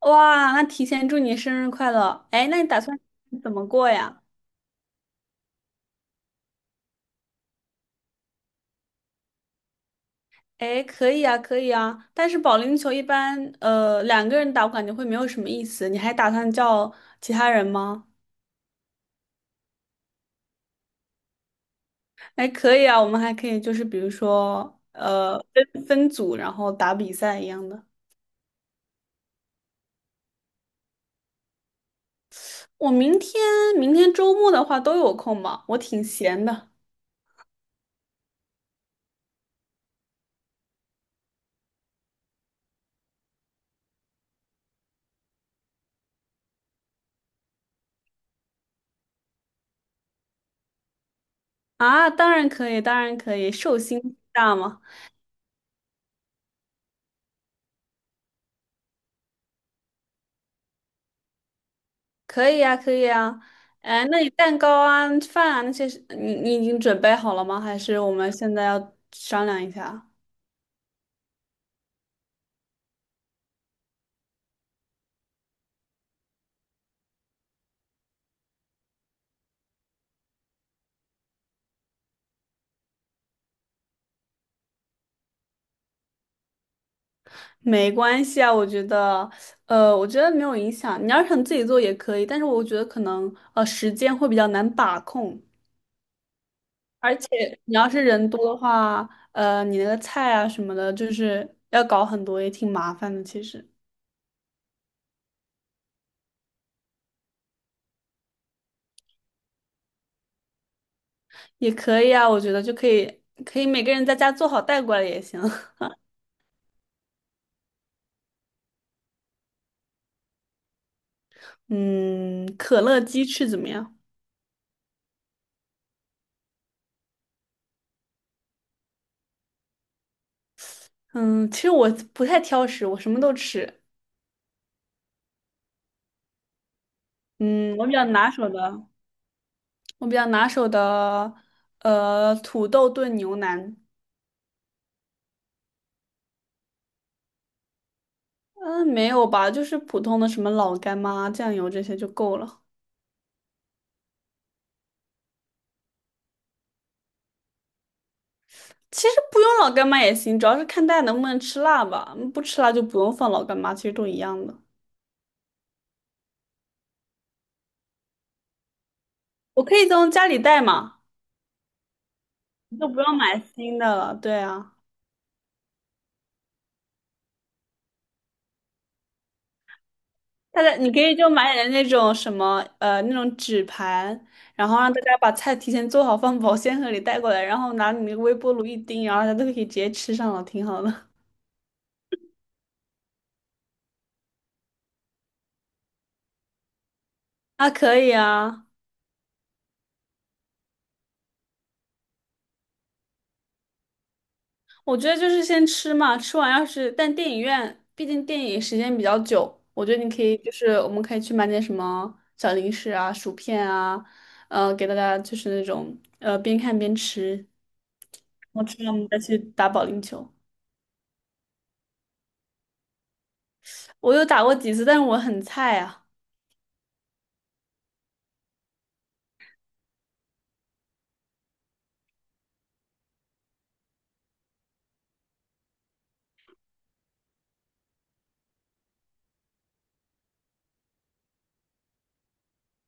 哇，那提前祝你生日快乐！哎，那你打算怎么过呀？哎，可以啊，可以啊。但是保龄球一般，两个人打我感觉会没有什么意思。你还打算叫其他人吗？哎，可以啊，我们还可以就是比如说，分组然后打比赛一样的。我明天周末的话都有空吧，我挺闲的啊。当然可以，当然可以，寿星大吗？可以呀，可以呀。哎，那你蛋糕啊、饭啊那些是你已经准备好了吗？还是我们现在要商量一下？没关系啊，我觉得，我觉得没有影响。你要是想自己做也可以，但是我觉得可能时间会比较难把控，而且你要是人多的话，你那个菜啊什么的，就是要搞很多，也挺麻烦的。其实也可以啊，我觉得就可以，可以每个人在家做好带过来也行。嗯，可乐鸡翅怎么样？嗯，其实我不太挑食，我什么都吃。嗯，我比较拿手的,土豆炖牛腩。嗯，没有吧，就是普通的什么老干妈、酱油这些就够了。其实不用老干妈也行，主要是看大家能不能吃辣吧。嗯不吃辣就不用放老干妈，其实都一样的。我可以从家里带嘛，就不用买新的了。对啊。它的你可以就买点那种什么那种纸盘，然后让大家把菜提前做好，放保鲜盒里带过来，然后拿你那个微波炉一叮，然后大家都可以直接吃上了，挺好的。啊，可以啊，我觉得就是先吃嘛，吃完要是但电影院毕竟电影时间比较久，我觉得你可以就是我们可以去买点什么小零食啊、薯片啊，给大家就是那种边看边吃，然后吃完我们再去打保龄球。我有打过几次，但是我很菜啊。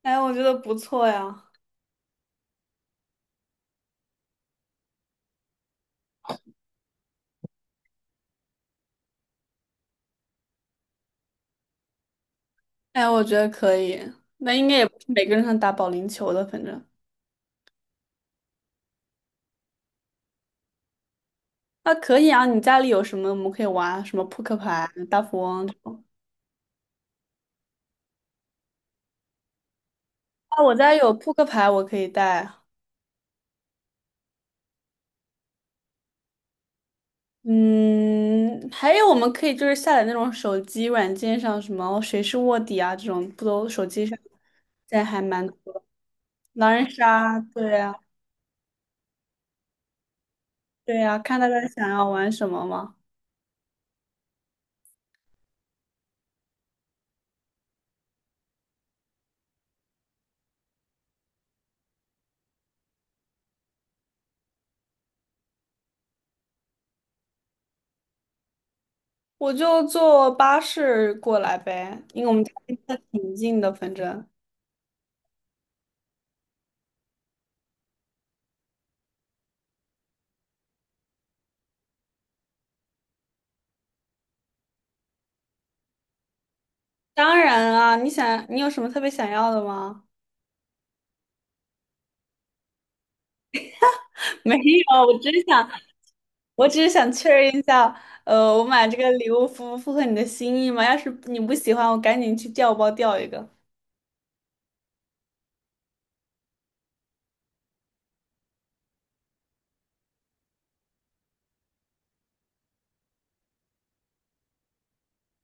哎，我觉得不错呀。哎，我觉得可以。那应该也不是每个人能打保龄球的，反正啊，可以啊。你家里有什么我们可以玩？什么扑克牌、大富翁这种？啊，我家有扑克牌，我可以带。嗯，还有我们可以就是下载那种手机软件上什么谁是卧底啊这种，不都手机上现在还蛮多的狼人杀，对呀，对呀，看大家想要玩什么嘛。我就坐巴士过来呗，因为我们家离得挺近的，反正。当然啊，你想，你有什么特别想要的吗？没有，我只是想确认一下，我买这个礼物符不符合你的心意嘛？要是你不喜欢，我赶紧去调包调一个。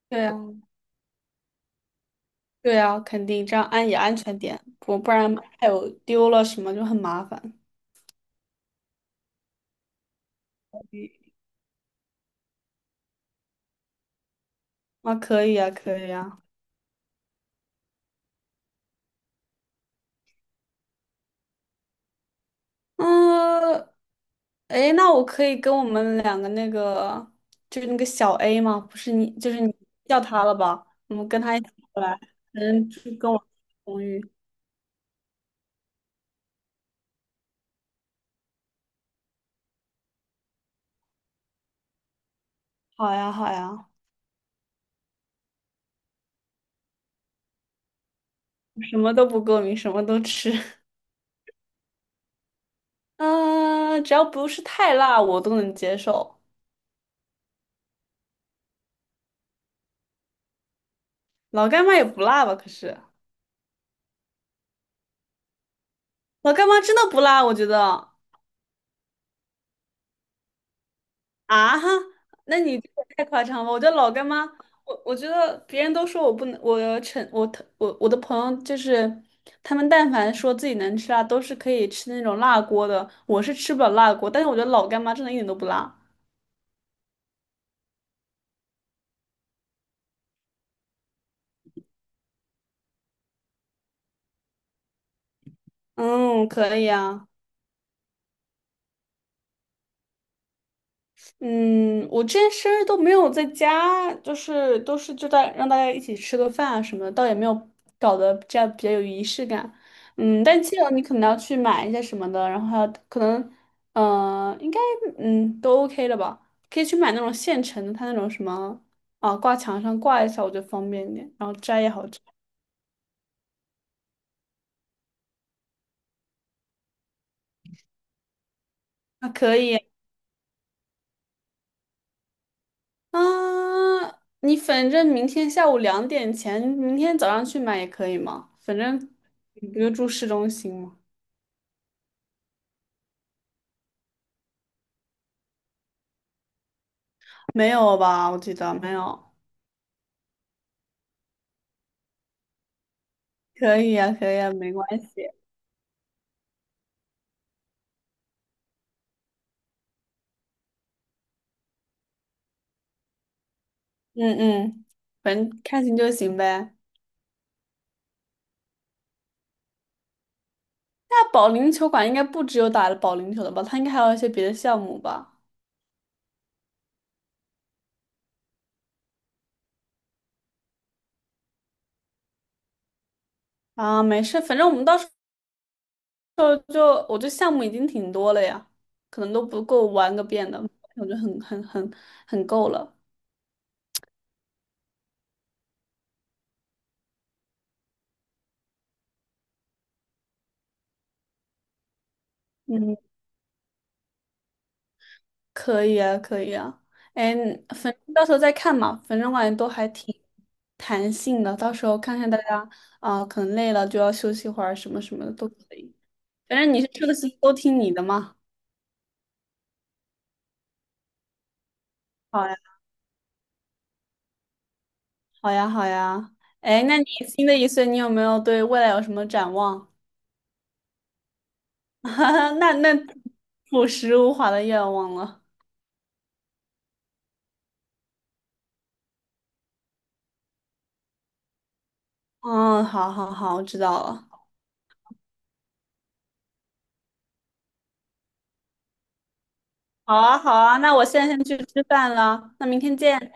对呀，对呀，肯定这样安也安全点，不然还有丢了什么就很麻烦。嗯啊，可以啊，可以啊。嗯，哎，那我可以跟我们两个那个，就是那个小 A 吗？不是你，就是你叫他了吧？我们跟他一起过来，嗯，就跟我同语。好呀，好呀，什么都不过敏，什么都吃。嗯，只要不是太辣，我都能接受。老干妈也不辣吧？可是老干妈真的不辣，我觉得。啊哈，那你这个太夸张了！我觉得老干妈，我觉得别人都说我不能，我成我我我的朋友就是他们，但凡说自己能吃辣，都是可以吃那种辣锅的。我是吃不了辣锅，但是我觉得老干妈真的一点都不辣。嗯，可以啊。嗯，我之前生日都没有在家，就是都是就在让大家一起吃个饭啊什么的，倒也没有搞得这样比较有仪式感。嗯，但记得你可能要去买一些什么的，然后还有可能，应该嗯都 OK 了吧，可以去买那种现成的，它那种什么啊挂墙上挂一下，我觉得方便一点，然后摘也好摘。啊，可以啊，你反正明天下午两点前，明天早上去买也可以嘛，反正你不就住市中心吗？没有吧？我记得没有。可以呀、可以呀、没关系。嗯嗯，反正开心就行呗。那保龄球馆应该不只有打保龄球的吧？它应该还有一些别的项目吧？啊，没事，反正我们到时候就我这项目已经挺多了呀，可能都不够玩个遍的，我觉得很够了。嗯。可以啊，可以啊。哎，反正到时候再看嘛，反正我感觉都还挺弹性的，到时候看看大家啊、可能累了就要休息会儿，什么什么的都可以。反正你是这个是都听你的嘛。好呀，好呀，好呀。哎，那你新的一岁，你有没有对未来有什么展望？那那朴实无华的愿望了。嗯，好好好，我知道了。好啊，好啊，那我现在先去吃饭了，那明天见。